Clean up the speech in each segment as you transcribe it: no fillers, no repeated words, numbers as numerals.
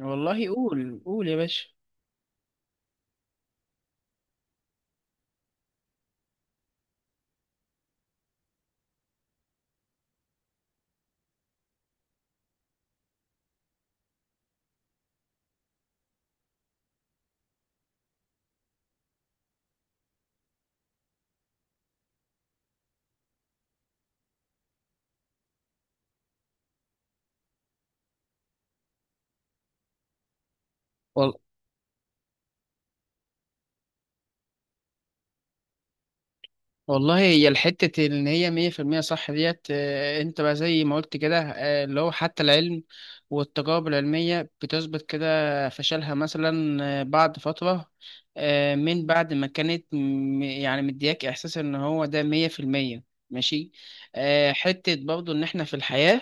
والله قول يا باشا. وال... والله هي الحتة إن هي مية في المية صح ديت، أنت بقى زي ما قلت كده. اللي هو حتى العلم والتجارب العلمية بتثبت كده فشلها مثلا بعد فترة، من بعد ما كانت مدياك إحساس إن هو ده مية في المية. ماشي. حتة برضو إن إحنا في الحياة،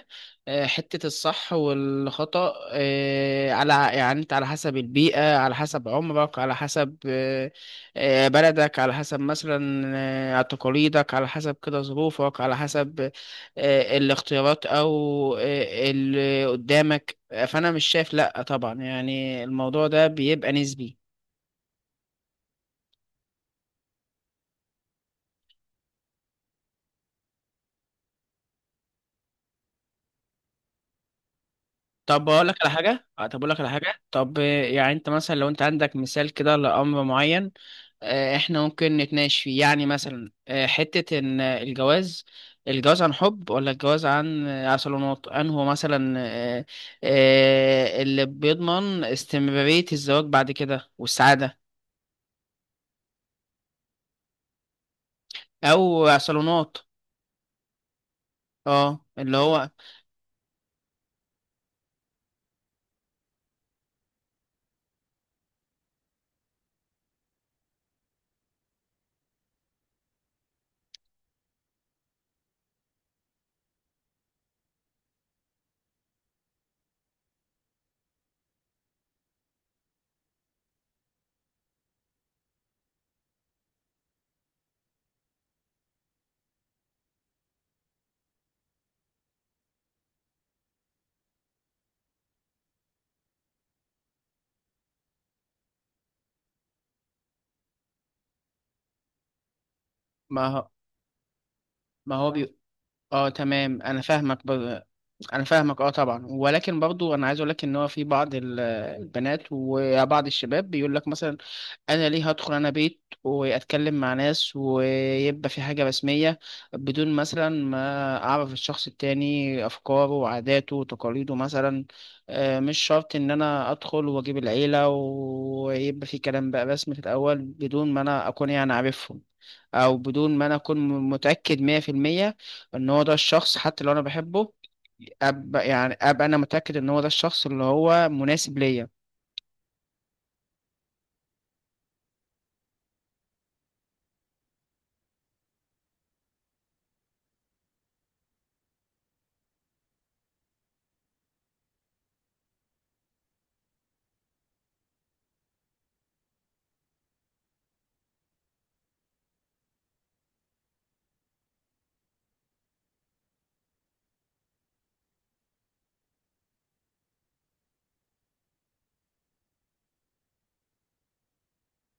حتة الصح والخطأ، آه، على يعني أنت على حسب البيئة، على حسب عمرك، على حسب بلدك، على حسب مثلا تقاليدك، على حسب كده ظروفك، على حسب الاختيارات او اللي قدامك. فانا مش شايف، لا طبعا، يعني الموضوع ده بيبقى نسبي. طب بقول لك على حاجه آه، طب بقول لك على حاجه طب آه، يعني انت مثلا لو انت عندك مثال كده لامر معين. احنا ممكن نتناقش فيه. يعني مثلا حتة ان الجواز عن حب، ولا الجواز عن عن صالونات، انه مثلا اللي بيضمن استمرارية الزواج بعد كده والسعادة. او صالونات. اه اللي هو. ما هو ما هو بي... اه تمام، انا انا فاهمك. اه طبعا، ولكن برضو انا عايز اقول لك ان هو في بعض البنات وبعض الشباب بيقول لك مثلا، انا ليه هدخل انا بيت واتكلم مع ناس ويبقى في حاجة رسمية بدون مثلا ما اعرف الشخص التاني افكاره وعاداته وتقاليده مثلا. مش شرط ان انا ادخل واجيب العيلة ويبقى في كلام بقى رسمي في الاول بدون ما انا اكون يعني عارفهم، او بدون ما انا اكون متأكد مية في المية ان هو ده الشخص. حتى لو انا بحبه، ابقى انا متأكد ان هو ده الشخص اللي هو مناسب ليا.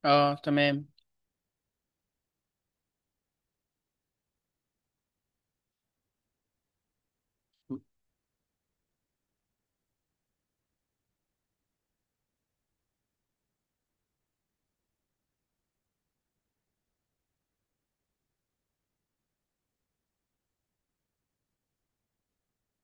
اه تمام.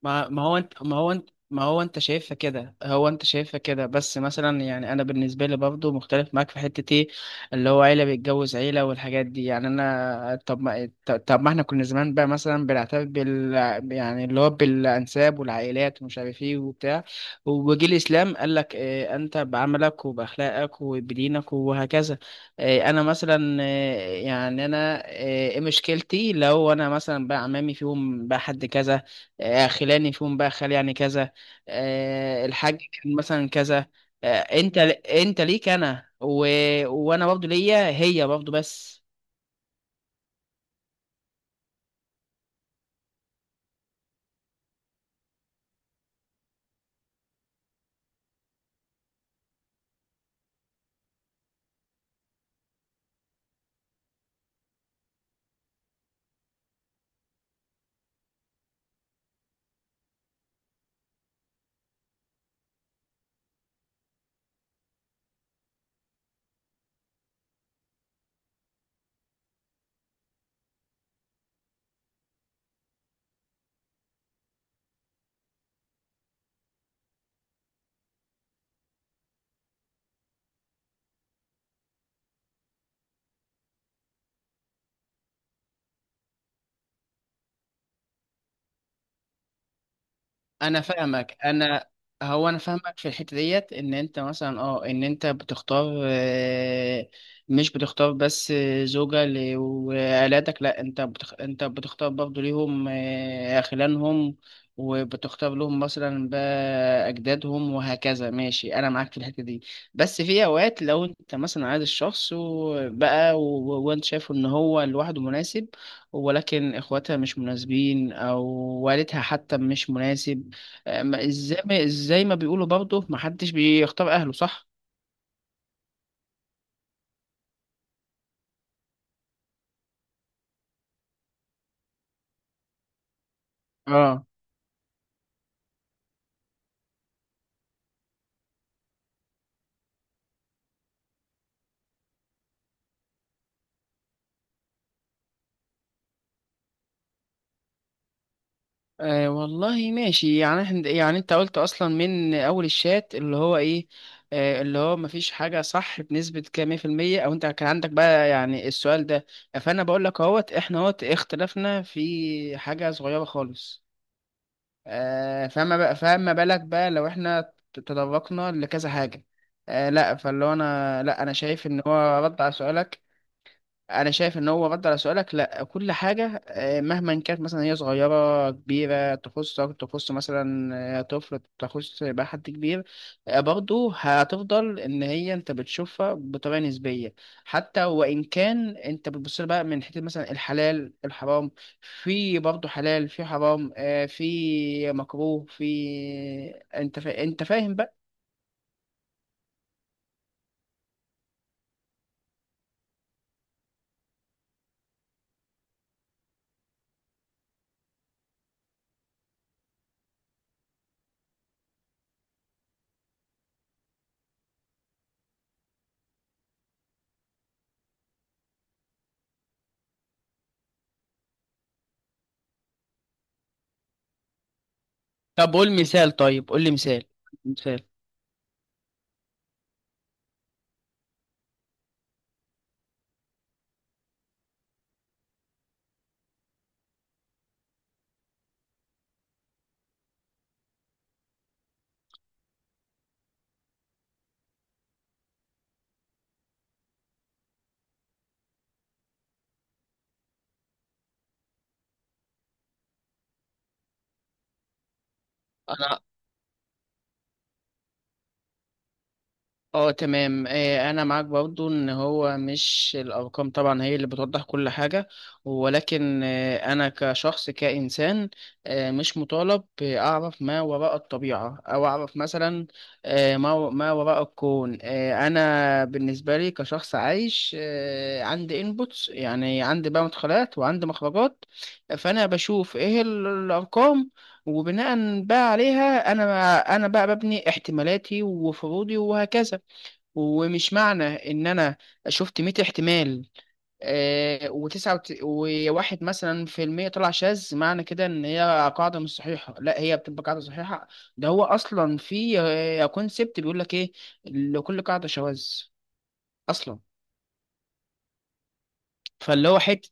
ما ما هو انت ما هو انت ما هو انت شايفها كده. هو انت شايفها كده، بس مثلا يعني انا بالنسبه لي برضو مختلف معاك في حته ايه، اللي هو عيله بيتجوز عيله والحاجات دي. يعني انا، طب ما احنا كنا زمان بقى مثلا بنعترف بال، يعني اللي هو بالانساب والعائلات ومش عارف ايه وبتاع، وجي الاسلام قال لك اه انت بعملك وباخلاقك وبدينك وهكذا. اه انا مثلا اه، يعني انا اه، ايه مشكلتي لو انا مثلا بقى عمامي فيهم بقى حد كذا، خلاني فيهم بقى خال يعني كذا، الحاج كان مثلا كذا. انت ليك انا وانا برضه ليا هي برضه بس. انا فاهمك انا. هو انا فاهمك في الحته ديت، ان انت مثلا اه ان انت بتختار، مش بتختار بس زوجة وعيالاتك، لا انت انت بتختار برضه ليهم خلانهم، وبتختار لهم مثلا بقى اجدادهم وهكذا. ماشي، انا معاك في الحته دي. بس في اوقات لو انت مثلا عايز الشخص وانت شايف ان هو لوحده مناسب، ولكن اخواتها مش مناسبين، او والدها حتى مش مناسب. ما ازاي ما بيقولوا برضه ما حدش بيختار اهله، صح؟ اه. آه والله ماشي. يعني احنا، يعني انت قلت اصلا من اول الشات اللي هو ايه، آه اللي هو مفيش حاجه صح بنسبه كام مية في المية، او انت كان عندك بقى يعني السؤال ده. فانا بقول لك اهوت احنا اهوت اختلفنا في حاجه صغيره خالص، آه فما بالك بقى لو احنا تدرجنا لكذا حاجه. آه لا، فاللي هو انا، لا انا شايف ان هو رد على سؤالك. انا شايف ان هو رد على سؤالك. لا، كل حاجه مهما كانت مثلا هي صغيره كبيره، تخصك، تخص مثلا طفل، تخص بقى حد كبير، برضه هتفضل ان هي انت بتشوفها بطريقه نسبيه. حتى وان كان انت بتبص لها بقى من حته مثلا الحلال الحرام، في برضه حلال، في حرام في مكروه، في، انت فاهم بقى. طب قول مثال، طيب قول لي مثال. مثال. انا اه تمام. انا معاك برضو ان هو مش الارقام طبعا هي اللي بتوضح كل حاجة، ولكن انا كشخص كانسان مش مطالب اعرف ما وراء الطبيعة او اعرف مثلا ما وراء الكون. انا بالنسبة لي كشخص عايش عندي انبوتس، يعني عندي بقى مدخلات وعندي مخرجات. فانا بشوف ايه الارقام، وبناء بقى عليها انا بقى ببني احتمالاتي وفروضي وهكذا. ومش معنى ان انا شفت 100 احتمال آه وتسعة وواحد مثلا في المية طلع شاذ، معنى كده ان هي قاعدة مش صحيحة. لا هي بتبقى قاعدة صحيحة. ده هو اصلا في كونسبت بيقول لك ايه، لكل قاعدة شواذ اصلا. فاللي هو حتة،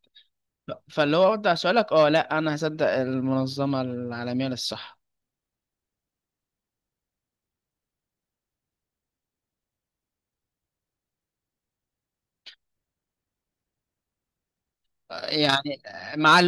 فاللي هو ارد على سؤالك، اه لا انا هصدق المنظمة العالمية للصحة. يعني، مع،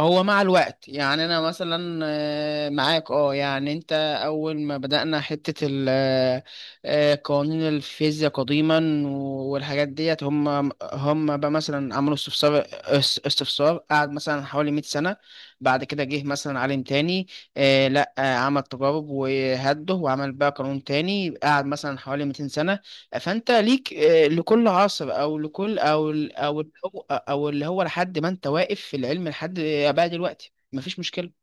هو مع الوقت. يعني انا مثلا معاك. اه يعني انت اول ما بدأنا حتة قوانين الفيزياء قديما والحاجات ديت، هم بقى مثلا عملوا استفسار قعد مثلا حوالي 100 سنة. بعد كده جه مثلا عالم تاني آه، لا آه، عمل تجارب وهده وعمل بقى قانون تاني قعد مثلا حوالي 200 سنة. فانت ليك لكل عصر، او لكل، او اللي هو لحد ما انت واقف في العلم لحد بقى دلوقتي مفيش مشكله.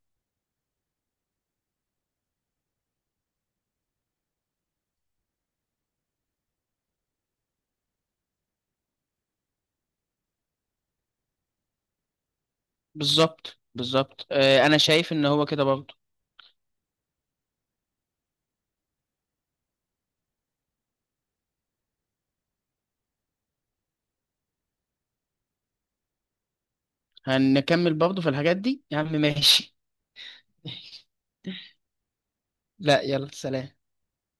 بالظبط بالظبط. انا شايف ان هو كده برضه. هنكمل برضه في الحاجات دي يا عم. ماشي. لا يلا، سلام.